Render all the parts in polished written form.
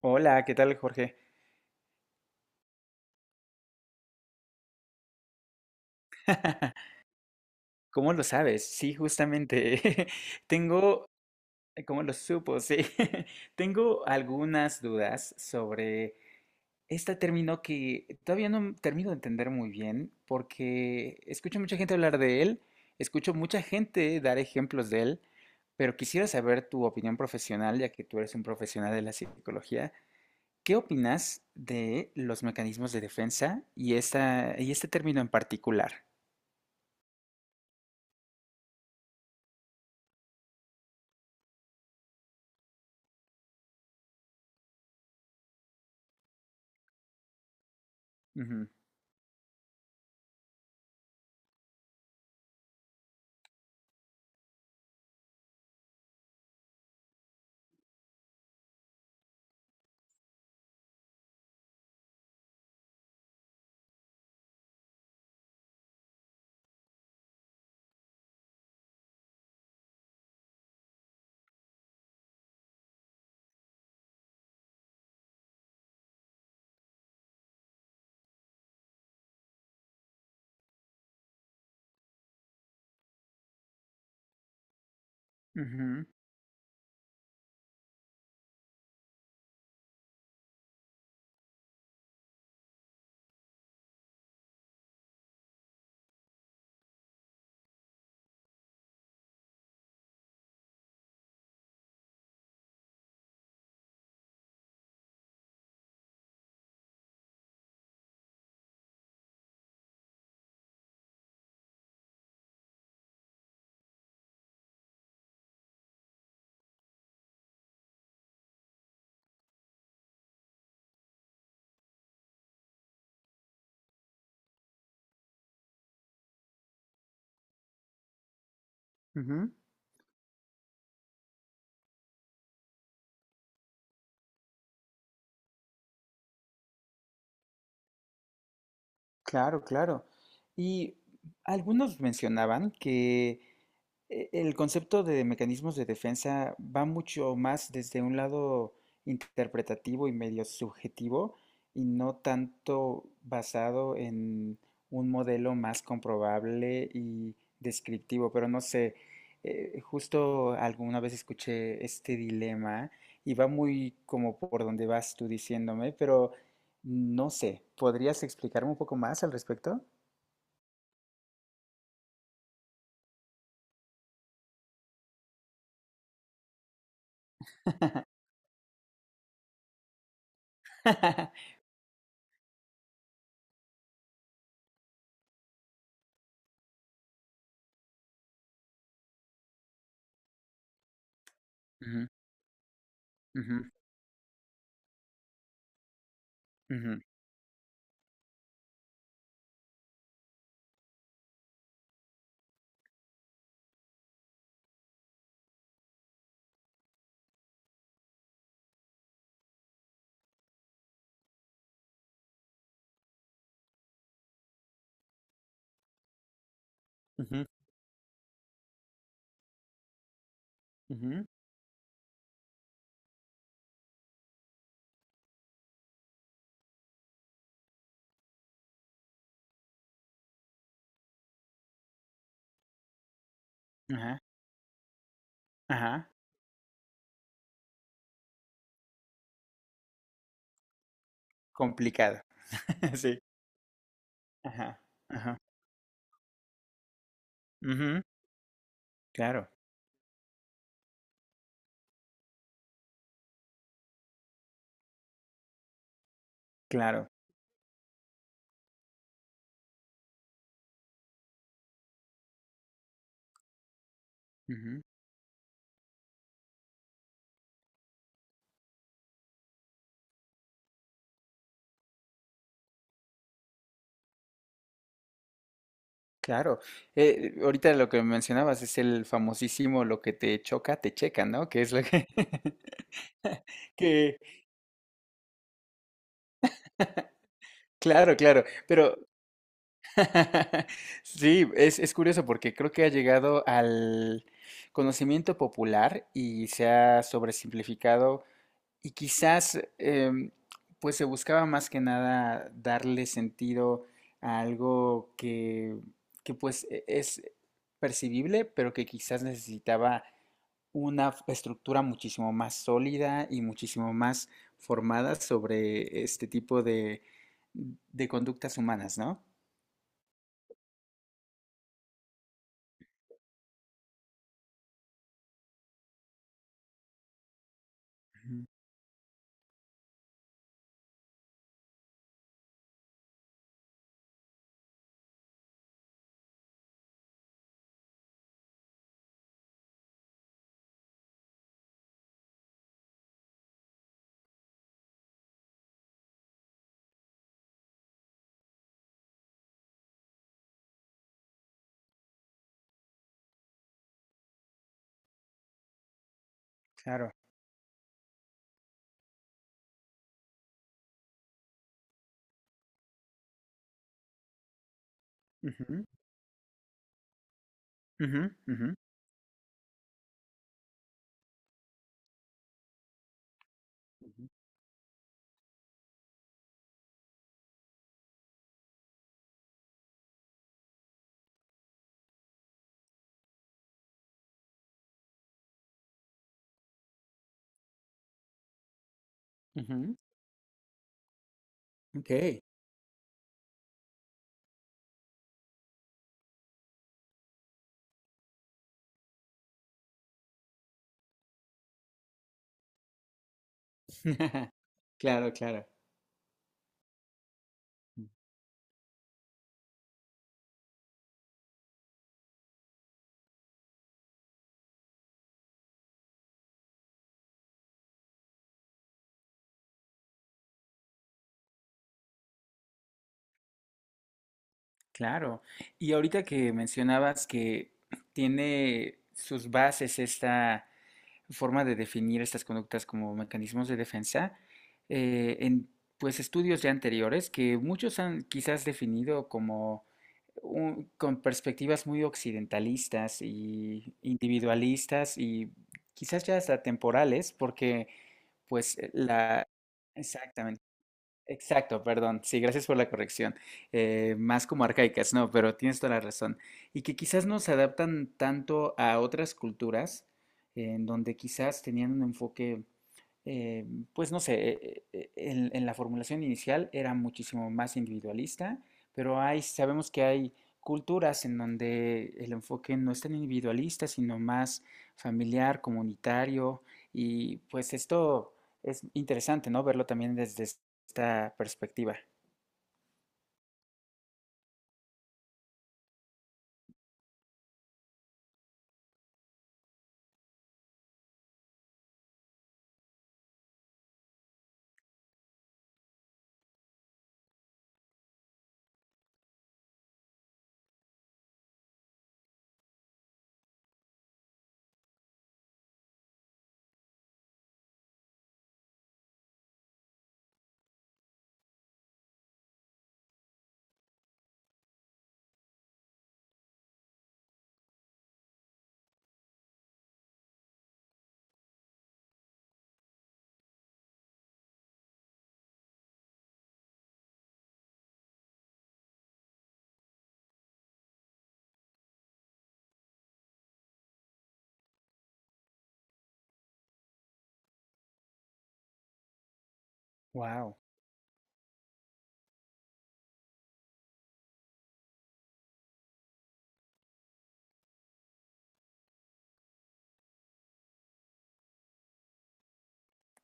Hola, ¿qué tal, Jorge? ¿Cómo lo sabes? Sí, justamente. Tengo, ¿cómo lo supo? Sí. Tengo algunas dudas sobre este término que todavía no termino de entender muy bien porque escucho mucha gente hablar de él, escucho mucha gente dar ejemplos de él, pero quisiera saber tu opinión profesional, ya que tú eres un profesional de la psicología. ¿Qué opinas de los mecanismos de defensa y y este término en particular? Ujú, ujú, claro, claro. Y algunos mencionaban que el concepto de mecanismos de defensa va mucho más desde un lado interpretativo y medio subjetivo y no tanto basado en un modelo más comprobable y descriptivo. Pero no sé, justo alguna vez escuché este dilema y va muy como por donde vas tú diciéndome, pero no sé, ¿podrías explicarme un poco más al respecto? Ujú, ujú, ujú, ujú, ujú, ajá. Ajá, complicado. Sí, ajá, ajá. Ujú, claro, claro, ujú, claro. Ahorita lo que mencionabas es el famosísimo lo que te choca, te checa, ¿no? Que es lo que... que, claro, claro, pero sí, es curioso porque creo que ha llegado al conocimiento popular y se ha sobresimplificado. Y quizás, pues se buscaba más que nada darle sentido a algo que pues es percibible, pero que quizás necesitaba una estructura muchísimo más sólida y muchísimo más formada sobre este tipo de conductas humanas, ¿no? Ujú. Claro. Ujú, ujú, ujú, ujú. Ok. Claro, claro. Claro. Y ahorita que mencionabas que tiene sus bases esta forma de definir estas conductas como mecanismos de defensa, en pues estudios ya anteriores que muchos han quizás definido como con perspectivas muy occidentalistas y individualistas y quizás ya hasta temporales, porque pues la, exactamente. Exacto, perdón. Sí, gracias por la corrección. Más como arcaicas, no, pero tienes toda la razón. Y que quizás no se adaptan tanto a otras culturas, en donde quizás tenían un enfoque eh, pues no sé, en la formulación inicial era muchísimo más individualista, pero hay, sabemos que hay culturas en donde el enfoque no es tan individualista, sino más familiar, comunitario, y pues esto es interesante, ¿no? Verlo también desde esta perspectiva. Wow.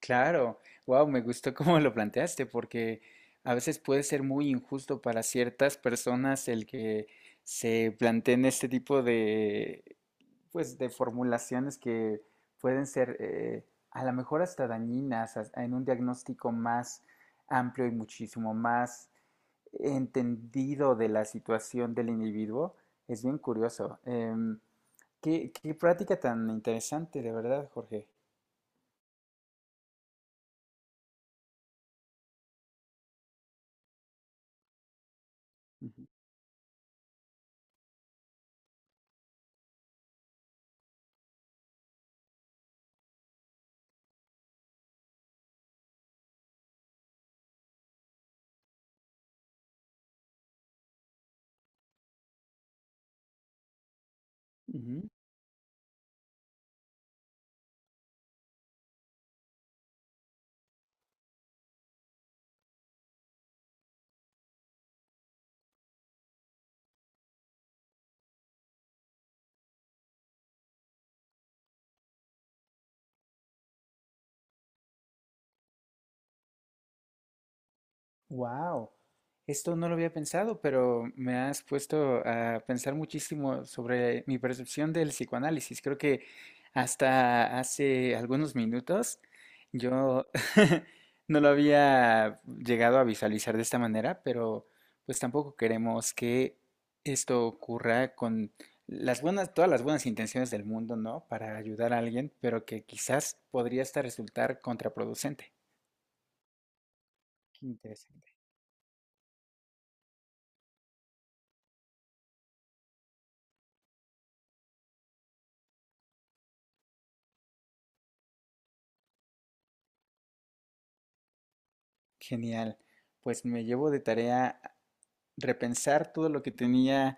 Claro, wow, me gustó cómo lo planteaste, porque a veces puede ser muy injusto para ciertas personas el que se planteen este tipo de, pues, de formulaciones que pueden ser a lo mejor hasta dañinas en un diagnóstico más amplio y muchísimo más entendido de la situación del individuo. Es bien curioso. Qué, qué práctica tan interesante, de verdad, Jorge. Ujú, ujú. Wow, esto no lo había pensado, pero me has puesto a pensar muchísimo sobre mi percepción del psicoanálisis. Creo que hasta hace algunos minutos yo no lo había llegado a visualizar de esta manera, pero pues tampoco queremos que esto ocurra con las buenas, todas las buenas intenciones del mundo, ¿no? Para ayudar a alguien, pero que quizás podría hasta resultar contraproducente. Qué interesante. Genial. Pues me llevo de tarea repensar todo lo que tenía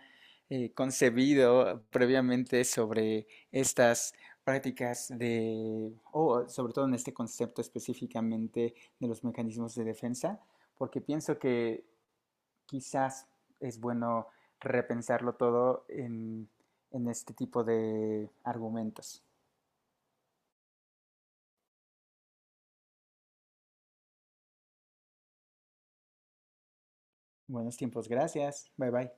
concebido previamente sobre estas prácticas de, o sobre todo en este concepto específicamente de los mecanismos de defensa, porque pienso que quizás es bueno repensarlo todo en este tipo de argumentos. Buenos tiempos, gracias. Bye bye.